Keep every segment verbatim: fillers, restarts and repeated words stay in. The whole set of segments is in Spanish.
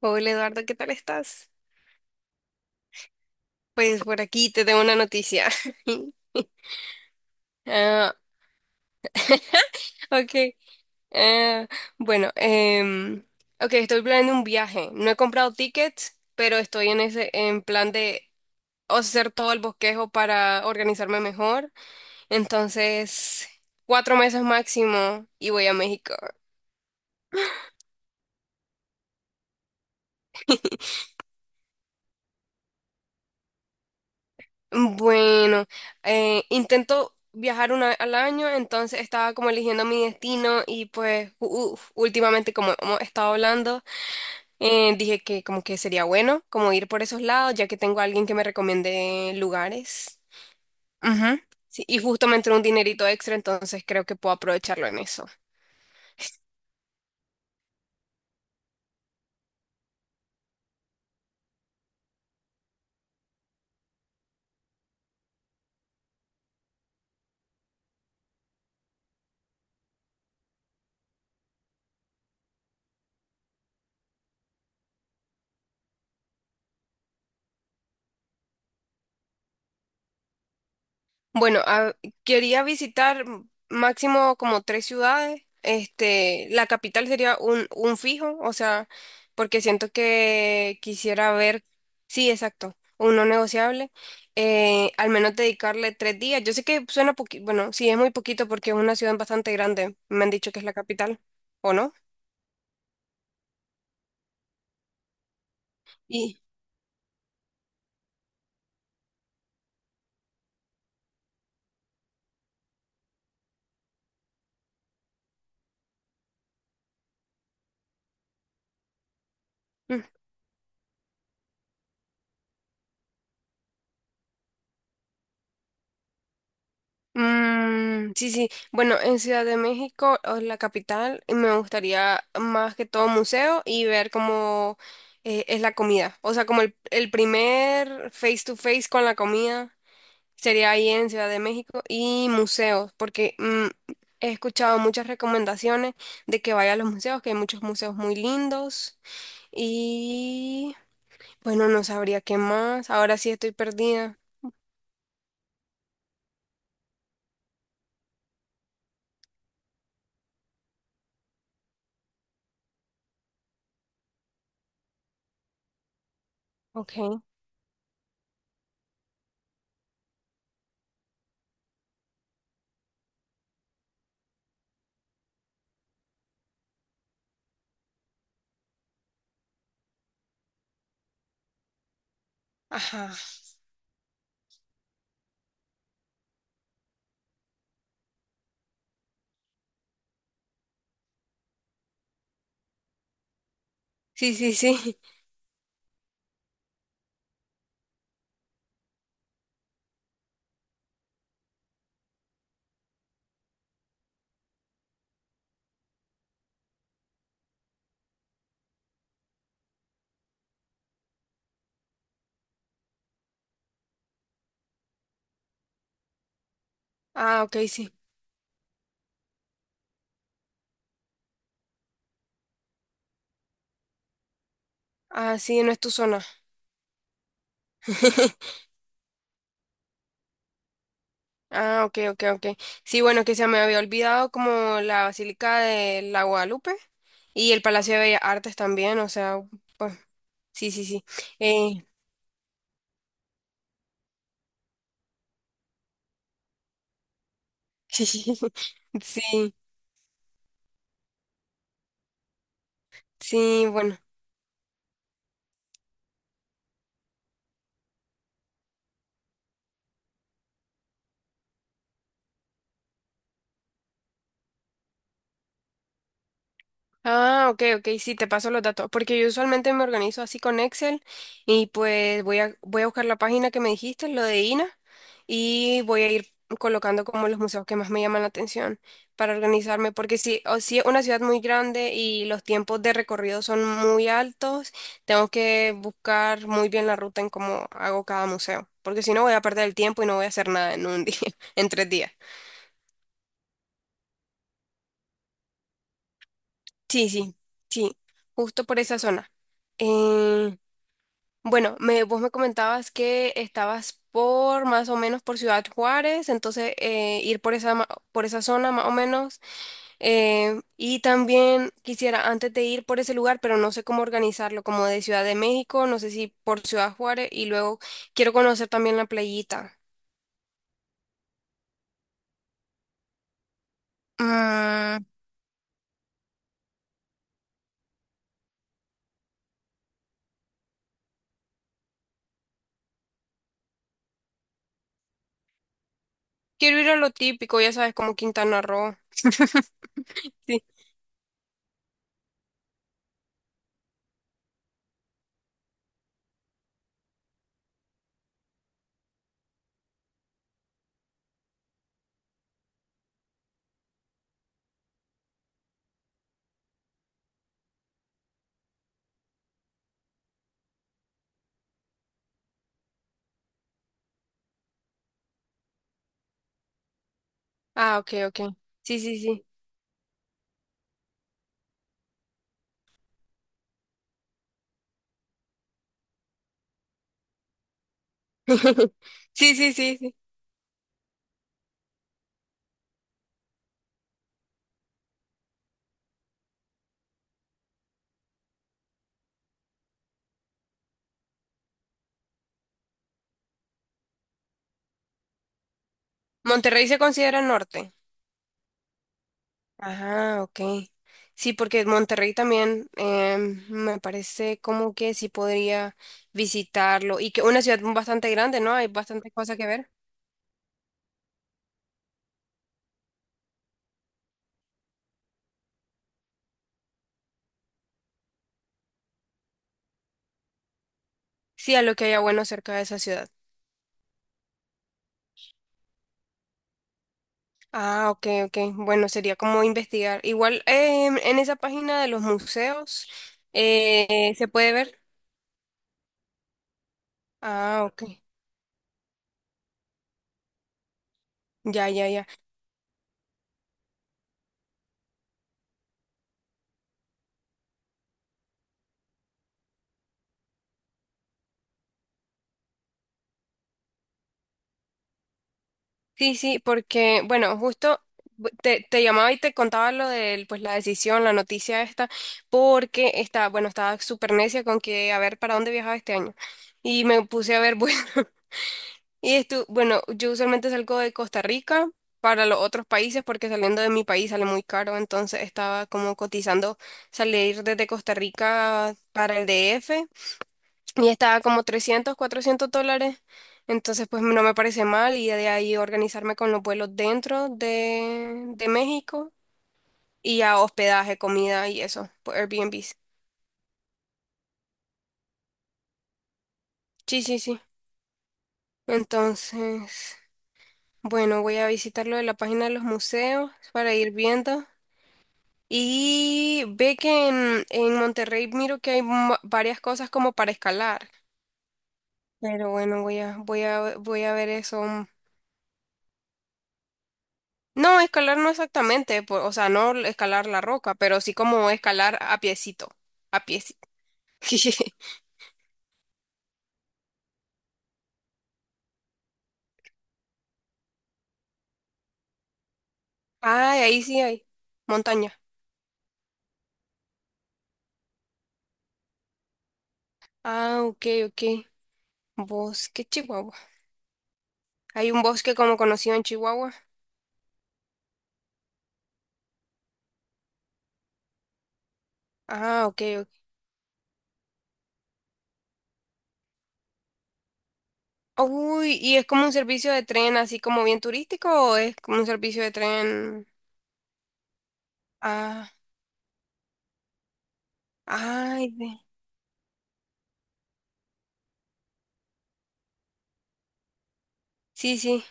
Hola Eduardo, ¿qué tal estás? Pues por aquí te tengo una noticia. Ah, ok. Ah, bueno, em, ok, estoy planeando un viaje. No he comprado tickets, pero estoy en ese, en plan de hacer todo el bosquejo para organizarme mejor. Entonces, cuatro meses máximo y voy a México. Bueno, eh, intento viajar una vez al año, entonces estaba como eligiendo mi destino y pues u- u- últimamente como hemos estado hablando. Eh, dije que como que sería bueno como ir por esos lados, ya que tengo a alguien que me recomiende lugares. Ujú. Sí, y justo me entró un dinerito extra, entonces creo que puedo aprovecharlo en eso. Bueno, a- quería visitar máximo como tres ciudades. Este, la capital sería un, un fijo, o sea, porque siento que quisiera ver, sí, exacto, un no negociable. Eh, al menos dedicarle tres días. Yo sé que suena poquito, bueno, sí, es muy poquito porque es una ciudad bastante grande. Me han dicho que es la capital, ¿o no? Y, Mm, sí, sí. Bueno, en Ciudad de México, o la capital, me gustaría más que todo museo y ver cómo eh, es la comida. O sea, como el, el primer face to face con la comida sería ahí en Ciudad de México y museos, porque mm, he escuchado muchas recomendaciones de que vaya a los museos, que hay muchos museos muy lindos y bueno, no sabría qué más. Ahora sí estoy perdida. Ok. Ajá. Sí, sí, sí. Ah, ok, sí. Ah, sí, no es tu zona. Ah, ok, ok, ok. Sí, bueno, que se me había olvidado como la Basílica de la Guadalupe y el Palacio de Bellas Artes también, o sea, pues, sí, sí, sí. Eh, sí, sí, sí, bueno. Ah, ok, ok, sí, te paso los datos, porque yo usualmente me organizo así con Excel y pues voy a, voy a buscar la página que me dijiste, lo de I N A, y voy a ir colocando como los museos que más me llaman la atención para organizarme, porque si, o si es una ciudad muy grande y los tiempos de recorrido son muy altos, tengo que buscar muy bien la ruta en cómo hago cada museo, porque si no voy a perder el tiempo y no voy a hacer nada en un día, en tres días. Sí, sí, sí, justo por esa zona. Eh, Bueno, me, vos me comentabas que estabas por más o menos por Ciudad Juárez, entonces eh, ir por esa, ma- por esa zona más o menos. Eh, y también quisiera antes de ir por ese lugar, pero no sé cómo organizarlo, como de Ciudad de México, no sé si por Ciudad Juárez y luego quiero conocer también la playita. Mm, Quiero ir a lo típico, ya sabes, como Quintana Roo. Sí. Ah, ok, ok. Sí, sí, sí. Sí, sí, sí, sí. Monterrey se considera norte. Ajá, ok. Sí, porque Monterrey también em, me parece como que sí podría visitarlo y que una ciudad bastante grande, ¿no? Hay bastante cosas que ver. Sí, a lo que haya bueno cerca de esa ciudad. Ah, ok, ok. Bueno, sería como investigar. Igual em, en esa página de los museos eh, se puede ver. Ah, ok. Ya, ya, ya. Sí, sí, porque, bueno, justo bu- te, te llamaba y te contaba lo de, pues, la decisión, la noticia esta, porque estaba, bueno, estaba súper necia con que a ver para dónde viajaba este año. Y me puse a ver, bueno, y esto, bueno, yo usualmente salgo de Costa Rica para los otros países porque saliendo de mi país sale muy caro, entonces estaba como cotizando salir desde Costa Rica para el D F y estaba como trescientos cuatrocientos dólares. Entonces, pues no me parece mal y de ahí organizarme con los vuelos dentro de de México y ya hospedaje, comida y eso, por Airbnbs. Sí, sí, sí. Entonces, bueno, voy a visitar lo de la página de los museos para ir viendo. Y ve que en, en Monterrey miro que hay mu- varias cosas como para escalar. Pero bueno, voy a, voy a, voy a ver eso. No, escalar no exactamente, po- o sea, no escalar la roca, pero sí como escalar a piecito, a piecito. Ay, ahí sí hay montaña. Ah, ok, ok. Bosque Chihuahua. Hay un bosque como conocido en Chihuahua. Ah, ok, ok. Uy, ¿y es como un servicio de tren así como bien turístico o es como un servicio de tren? Ah, ay, ve. Sí, sí.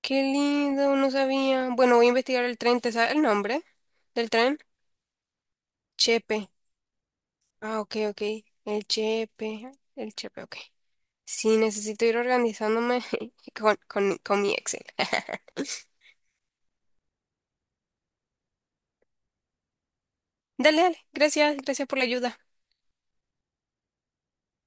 Qué lindo, no sabía. Bueno, voy a investigar el tren, ¿te sabes el nombre del tren? Chepe. Ah, ok, ok. El chepe, el chepe, ok. Sí, necesito ir organizándome con, con, con mi Excel. Dale, dale, gracias, gracias por la ayuda.